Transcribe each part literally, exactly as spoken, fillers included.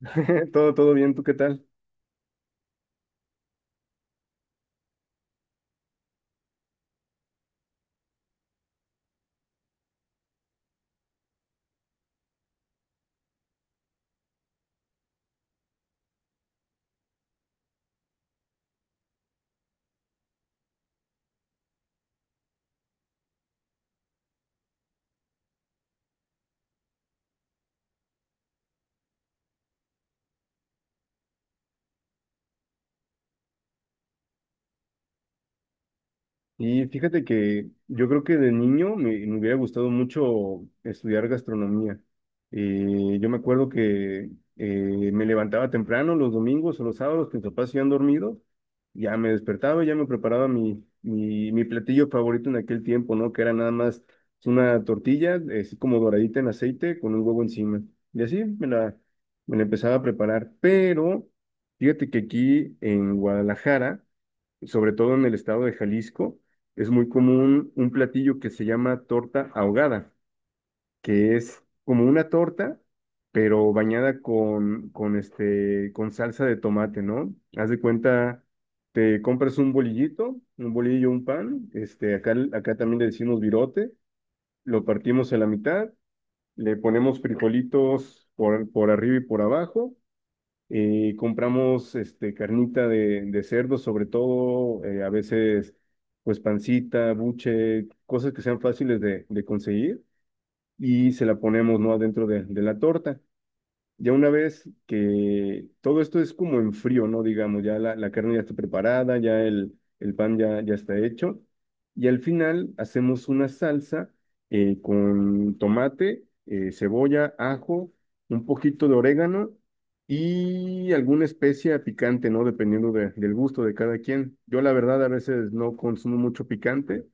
Todo, todo bien, ¿tú qué tal? Y fíjate que yo creo que de niño me, me hubiera gustado mucho estudiar gastronomía. Eh, yo me acuerdo que eh, me levantaba temprano los domingos o los sábados que mis papás se iban dormidos, ya me despertaba, y ya me preparaba mi, mi, mi platillo favorito en aquel tiempo, ¿no? Que era nada más una tortilla, eh, así como doradita en aceite, con un huevo encima. Y así me la, me la empezaba a preparar. Pero fíjate que aquí en Guadalajara, sobre todo en el estado de Jalisco, es muy común un platillo que se llama torta ahogada, que es como una torta, pero bañada con, con, este, con salsa de tomate, ¿no? Haz de cuenta, te compras un bolillito, un bolillo, un pan, este, acá, acá también le decimos virote, lo partimos a la mitad, le ponemos frijolitos por, por arriba y por abajo, y compramos este, carnita de, de cerdo, sobre todo, eh, a veces, pues pancita, buche, cosas que sean fáciles de, de conseguir, y se la ponemos, ¿no? Adentro de, de la torta. Ya una vez que todo esto es como en frío, ¿no? Digamos, ya la, la carne ya está preparada, ya el, el pan ya, ya está hecho. Y al final hacemos una salsa eh, con tomate, eh, cebolla, ajo, un poquito de orégano y alguna especia picante, ¿no? Dependiendo de- del gusto de cada quien. Yo la verdad a veces no consumo mucho picante,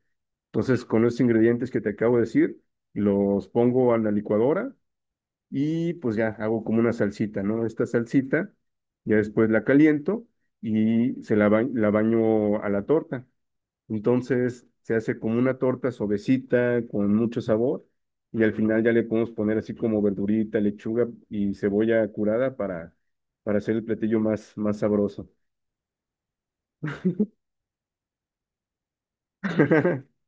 entonces con los ingredientes que te acabo de decir, los pongo a la licuadora y pues ya hago como una salsita, ¿no? Esta salsita, ya después la caliento y se la, ba- la baño a la torta. Entonces se hace como una torta suavecita, con mucho sabor, y al final ya le podemos poner así como verdurita, lechuga y cebolla curada para, para hacer el platillo más, más sabroso.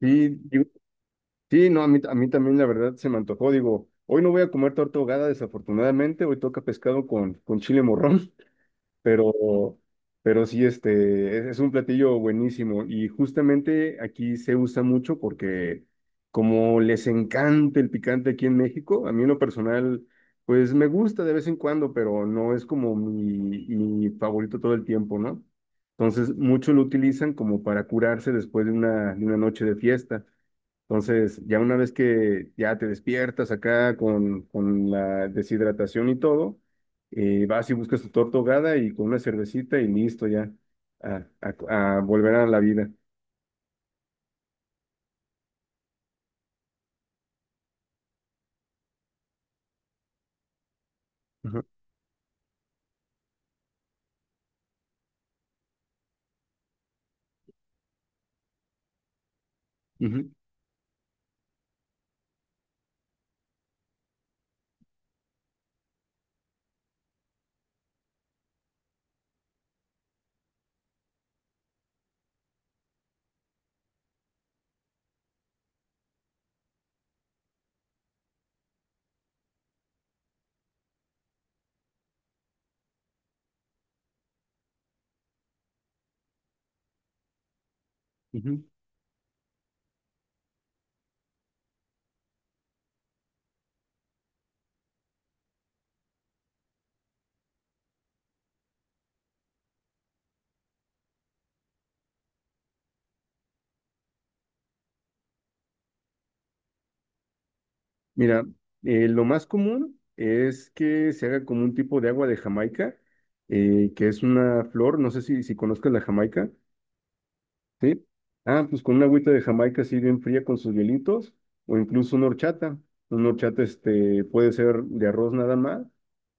Sí, digo- sí, no, a mí, a mí también la verdad se me antojó, digo, hoy no voy a comer torta ahogada desafortunadamente, hoy toca pescado con, con chile morrón. pero, pero sí, este, es, es un platillo buenísimo y justamente aquí se usa mucho porque como les encanta el picante aquí en México, a mí en lo personal, pues me gusta de vez en cuando, pero no es como mi, mi favorito todo el tiempo, ¿no? Entonces, muchos lo utilizan como para curarse después de una, de una noche de fiesta. Entonces, ya una vez que ya te despiertas acá con, con la deshidratación y todo, eh, vas y buscas tu torta ahogada y con una cervecita y listo ya a, a- a volver a la vida. Ajá, ujú, ujú. Mira, eh, lo más común es que se haga como un tipo de agua de Jamaica, eh, que es una flor, no sé si, si conozcas la Jamaica. Sí. Ah, pues con una agüita de Jamaica así bien fría con sus hielitos, o incluso una horchata. Una horchata este, puede ser de arroz nada más,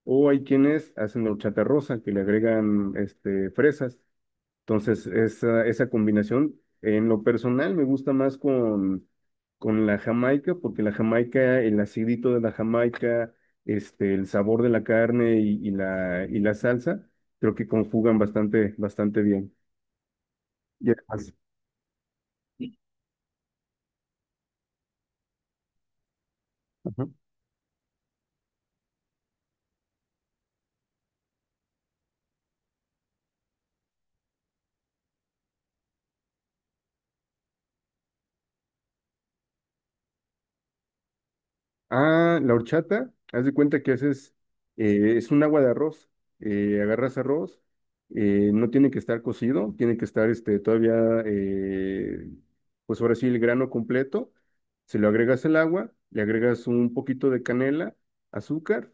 o hay quienes hacen horchata rosa, que le agregan este, fresas. Entonces, esa, esa combinación, en lo personal, me gusta más con, con la Jamaica, porque la Jamaica, el acidito de la Jamaica, este, el sabor de la carne y, y la, y la salsa, creo que conjugan bastante, bastante bien. Y además- Ajá. Ah, la horchata, haz de cuenta que haces, eh, es un agua de arroz, eh, agarras arroz, eh, no tiene que estar cocido, tiene que estar este, todavía, eh, pues ahora sí, el grano completo, se lo agregas el agua, le agregas un poquito de canela, azúcar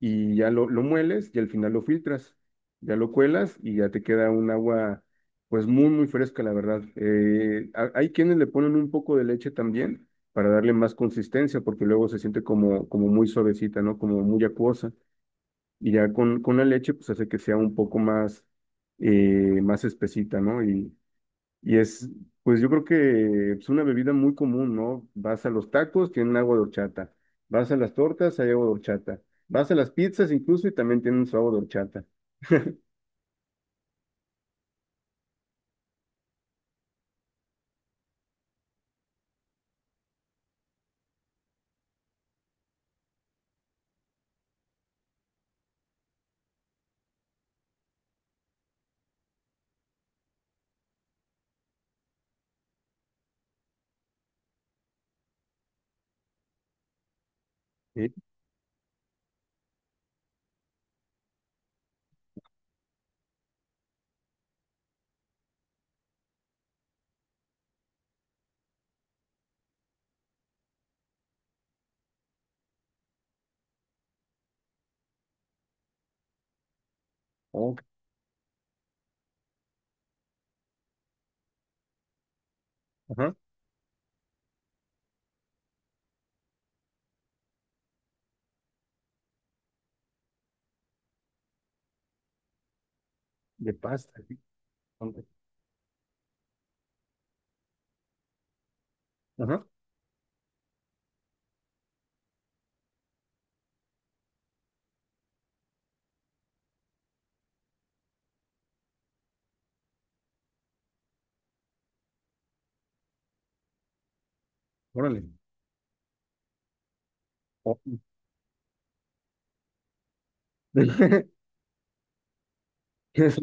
y ya lo, lo mueles y al final lo filtras, ya lo cuelas y ya te queda un agua pues muy muy fresca la verdad. Eh, ha- hay quienes le ponen un poco de leche también para darle más consistencia porque luego se siente como, como muy suavecita, ¿no? Como muy acuosa y ya con, con la leche pues hace que sea un poco más, eh, más espesita, ¿no? Y, y es, pues yo creo que es una bebida muy común, ¿no? Vas a los tacos, tienen agua de horchata. Vas a las tortas, hay agua de horchata. Vas a las pizzas incluso y también tienen su agua de horchata. Sí. Ok. Ajá. De pasta. Sí. Ok. Ajá. Órale. Oh. Es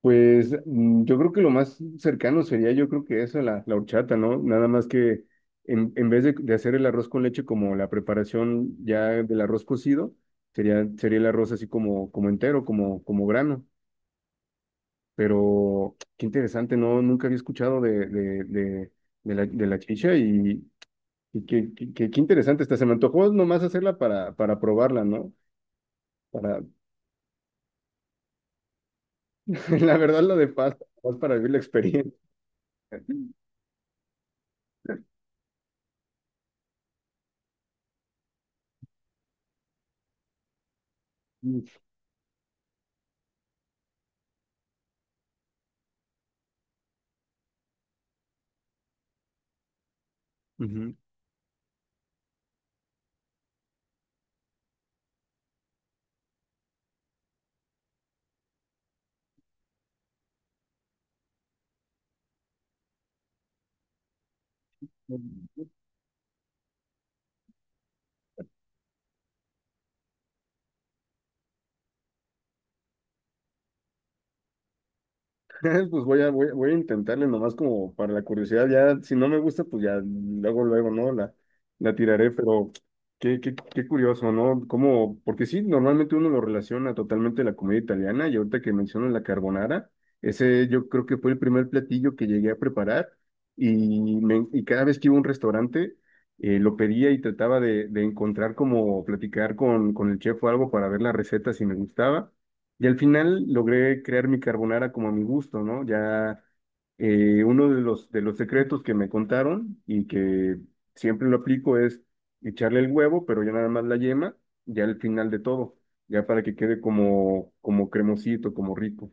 pues mm, yo creo que lo más cercano sería, yo creo que eso, la, la horchata, ¿no? Nada más que en, en vez de, de hacer el arroz con leche como la preparación ya del arroz cocido, sería, sería el arroz así como, como entero, como, como grano. Pero qué interesante, ¿no? Nunca había escuchado de, de, de, de la, de la chicha y, y qué, qué, qué- qué interesante está. Se me antojó nomás hacerla para, para probarla, ¿no? Para, la verdad, lo de pasta, más para vivir la experiencia. Ujú. Pues voy a, voy, a voy a intentarle nomás como para la curiosidad, ya si no me gusta, pues ya luego, luego, ¿no? La, la tiraré, pero qué, qué, qué curioso, ¿no? Como, porque sí, normalmente uno lo relaciona totalmente a la comida italiana y ahorita que mencionas la carbonara, ese yo creo que fue el primer platillo que llegué a preparar y, me, y cada vez que iba a un restaurante eh, lo pedía y trataba de, de encontrar como platicar con, con el chef o algo para ver la receta si me gustaba. Y al final logré crear mi carbonara como a mi gusto, ¿no? Ya eh, uno de los, de los secretos que me contaron y que siempre lo aplico es echarle el huevo, pero ya nada más la yema, ya al final de todo, ya para que quede como, como cremosito, como rico.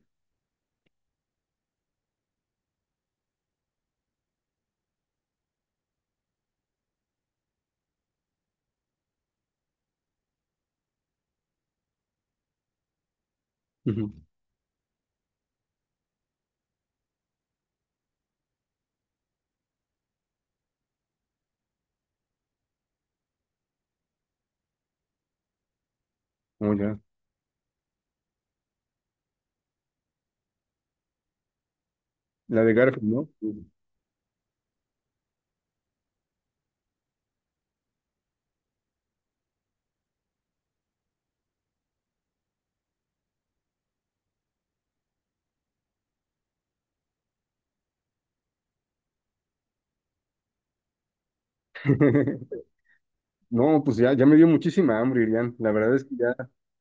Ujú. Como ya, la de Garfield, ¿no? No, pues ya, ya me dio muchísima hambre, Irian. La verdad es que ya,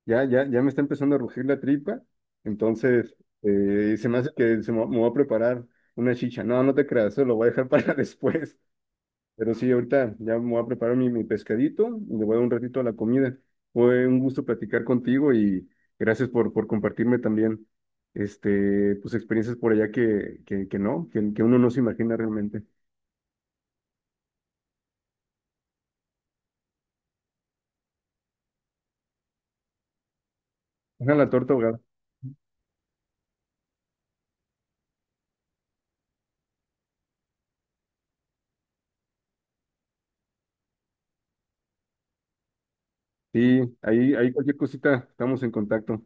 ya, ya, ya me está empezando a rugir la tripa. Entonces, eh, se me hace que se me, me voy a preparar una chicha. No, no te creas, eso lo voy a dejar para después. Pero sí, ahorita ya me voy a preparar mi, mi pescadito y le voy a dar un ratito a la comida. Fue un gusto platicar contigo y gracias por, por compartirme también este, pues experiencias por allá que, que, que no, que, que uno no se imagina realmente. Ojalá la torta ahogada. Sí, ahí, ahí cualquier cosita, estamos en contacto.